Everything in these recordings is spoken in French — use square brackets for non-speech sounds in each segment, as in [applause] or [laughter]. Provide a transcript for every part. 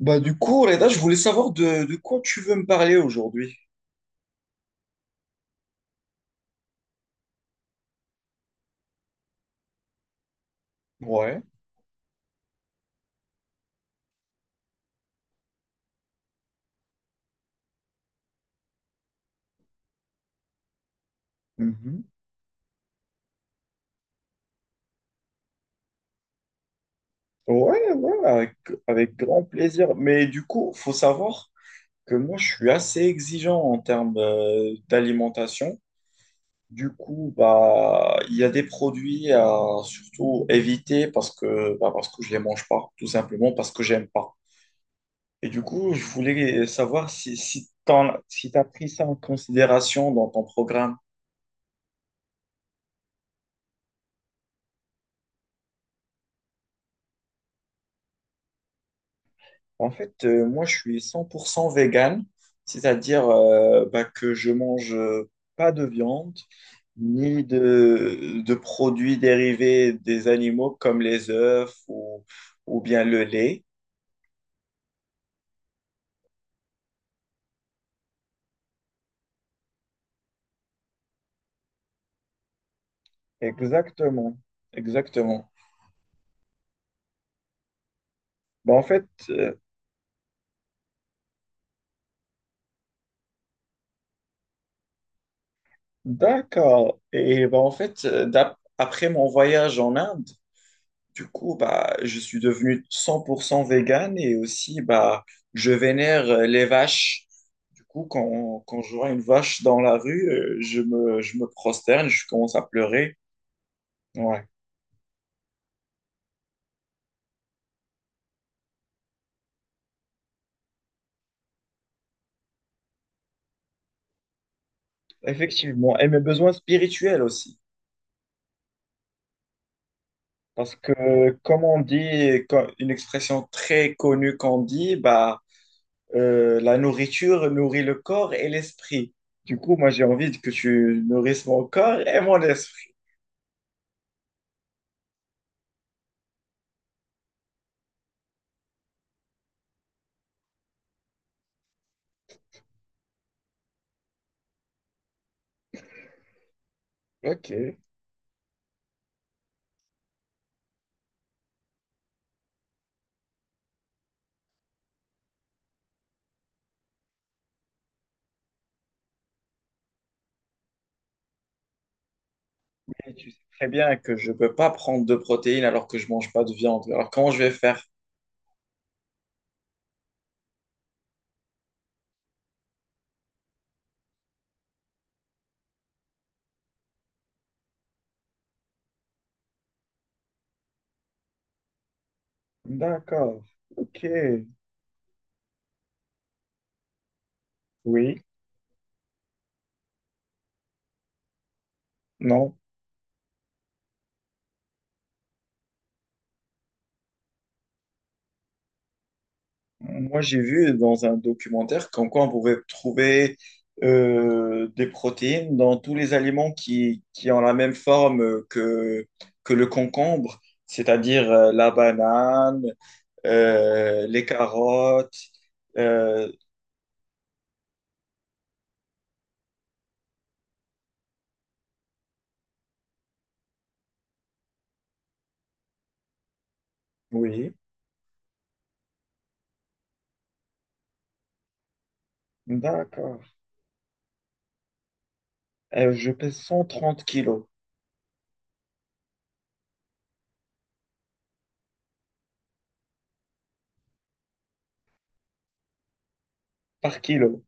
Bah du coup, Reda, je voulais savoir de quoi tu veux me parler aujourd'hui. Ouais. Mhm. Ouais, ouais, avec, Avec grand plaisir. Mais du coup, faut savoir que moi, je suis assez exigeant en termes d'alimentation. Du coup, il y a des produits à surtout éviter parce que, parce que je les mange pas, tout simplement parce que j'aime pas. Et du coup, je voulais savoir si si t'as pris ça en considération dans ton programme. En fait, moi, je suis 100% vegan, c'est-à-dire que je mange pas de viande ni de produits dérivés des animaux comme les œufs, ou bien le lait. Exactement, exactement. Bah, en fait, euh, d'accord. Et bah, en fait, après mon voyage en Inde, du coup, bah, je suis devenu 100% vegan et aussi, bah, je vénère les vaches. Du coup, quand je vois une vache dans la rue, je me prosterne, je commence à pleurer. Ouais, effectivement. Et mes besoins spirituels aussi. Parce que, comme on dit, une expression très connue qu'on dit, la nourriture nourrit le corps et l'esprit. Du coup, moi, j'ai envie que tu nourrisses mon corps et mon esprit. Ok. Et tu sais très bien que je ne peux pas prendre de protéines alors que je mange pas de viande. Alors comment je vais faire? D'accord. Ok. Oui. Non. Moi, j'ai vu dans un documentaire comme quoi on pouvait trouver des protéines dans tous les aliments qui ont la même forme que le concombre, c'est-à-dire la banane, les carottes. euh, oui. D'accord. Je pèse 130 kilos par kilo.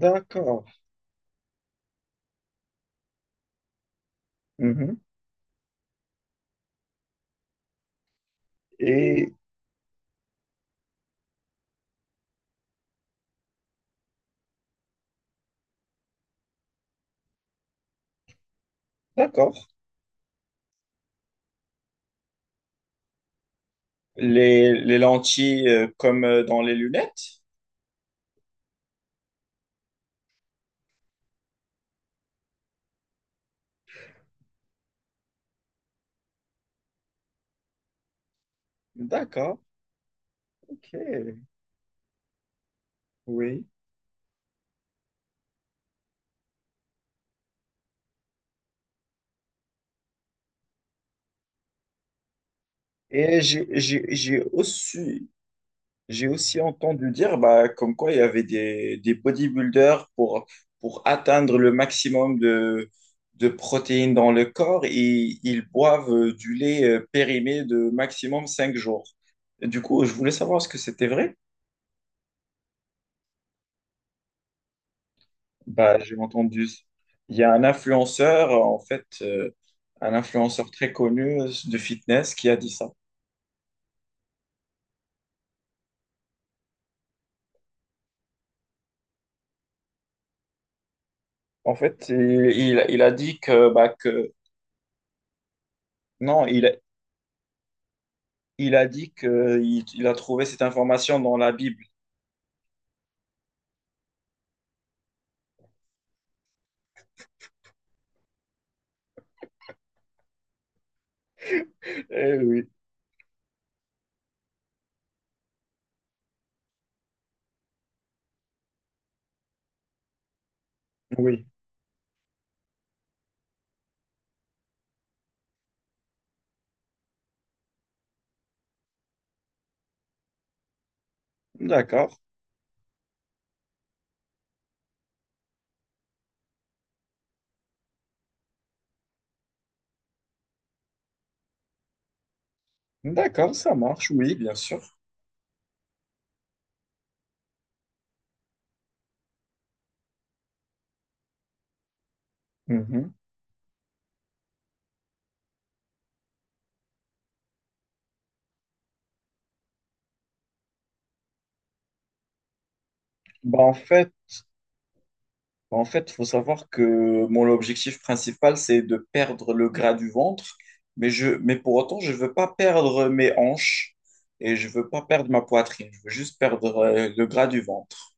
D'accord. Mhm. Et d'accord. Les lentilles comme dans les lunettes? D'accord. OK. Oui. Et j'ai j'ai- j'ai aussi, j'ai aussi entendu dire bah, comme quoi il y avait des bodybuilders pour atteindre le maximum de protéines dans le corps et ils boivent du lait périmé de maximum 5 jours. Du coup, je voulais savoir est-ce que c'était vrai? Bah, j'ai entendu. Il y a un influenceur, en fait, un influenceur très connu de fitness qui a dit ça. En fait, il a dit que, non, il a dit que il a trouvé cette information dans la Bible. Eh oui, oui. D'accord. D'accord, ça marche, oui, bien sûr. Mhm. Bah, en fait, En fait, il faut savoir que mon objectif principal, c'est de perdre le gras du ventre, mais, mais pour autant, je ne veux pas perdre mes hanches et je ne veux pas perdre ma poitrine. Je veux juste perdre le gras du ventre.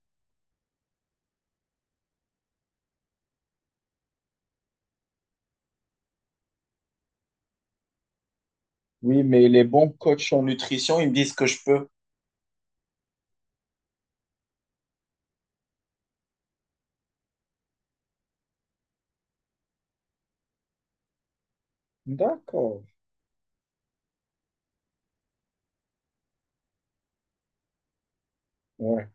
Oui, mais les bons coachs en nutrition, ils me disent que je peux. D'accord, ouais,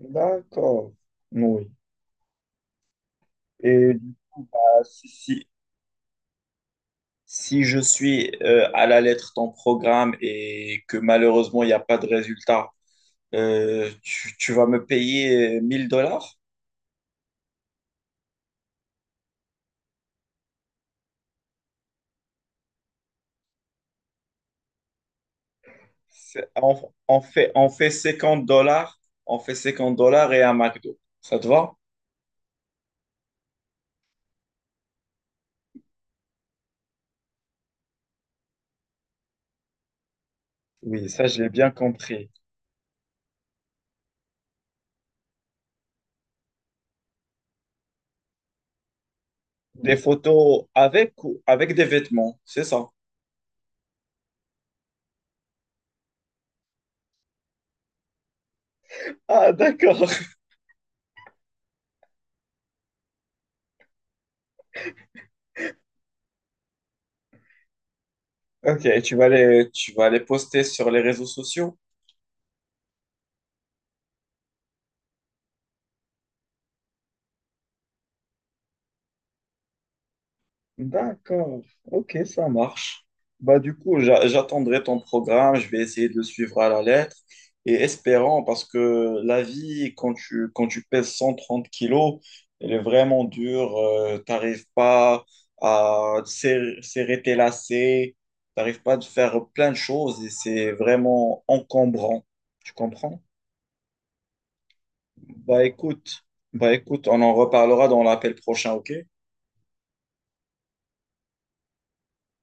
d'accord. Oui. Et du coup, si, si- si je suis à la lettre ton programme et que malheureusement, il n'y a pas de résultat, tu vas me payer 1000 dollars? C'est- On, on fait 50 dollars, on fait 50 dollars et un McDo. Ça te va? Oui, ça, je l'ai bien compris. Des photos avec ou avec des vêtements, c'est ça? Ah, d'accord. [laughs] Ok, tu vas tu vas les poster sur les réseaux sociaux? D'accord, ok, ça marche. Bah, du coup, j'attendrai ton programme, je vais essayer de le suivre à la lettre et espérant, parce que la vie, quand tu pèses 130 kilos, elle est vraiment dure, t'arrives pas à serrer tes lacets, t'arrives pas à faire plein de choses et c'est vraiment encombrant. Tu comprends? Bah écoute, Bah écoute, on en reparlera dans l'appel prochain, ok?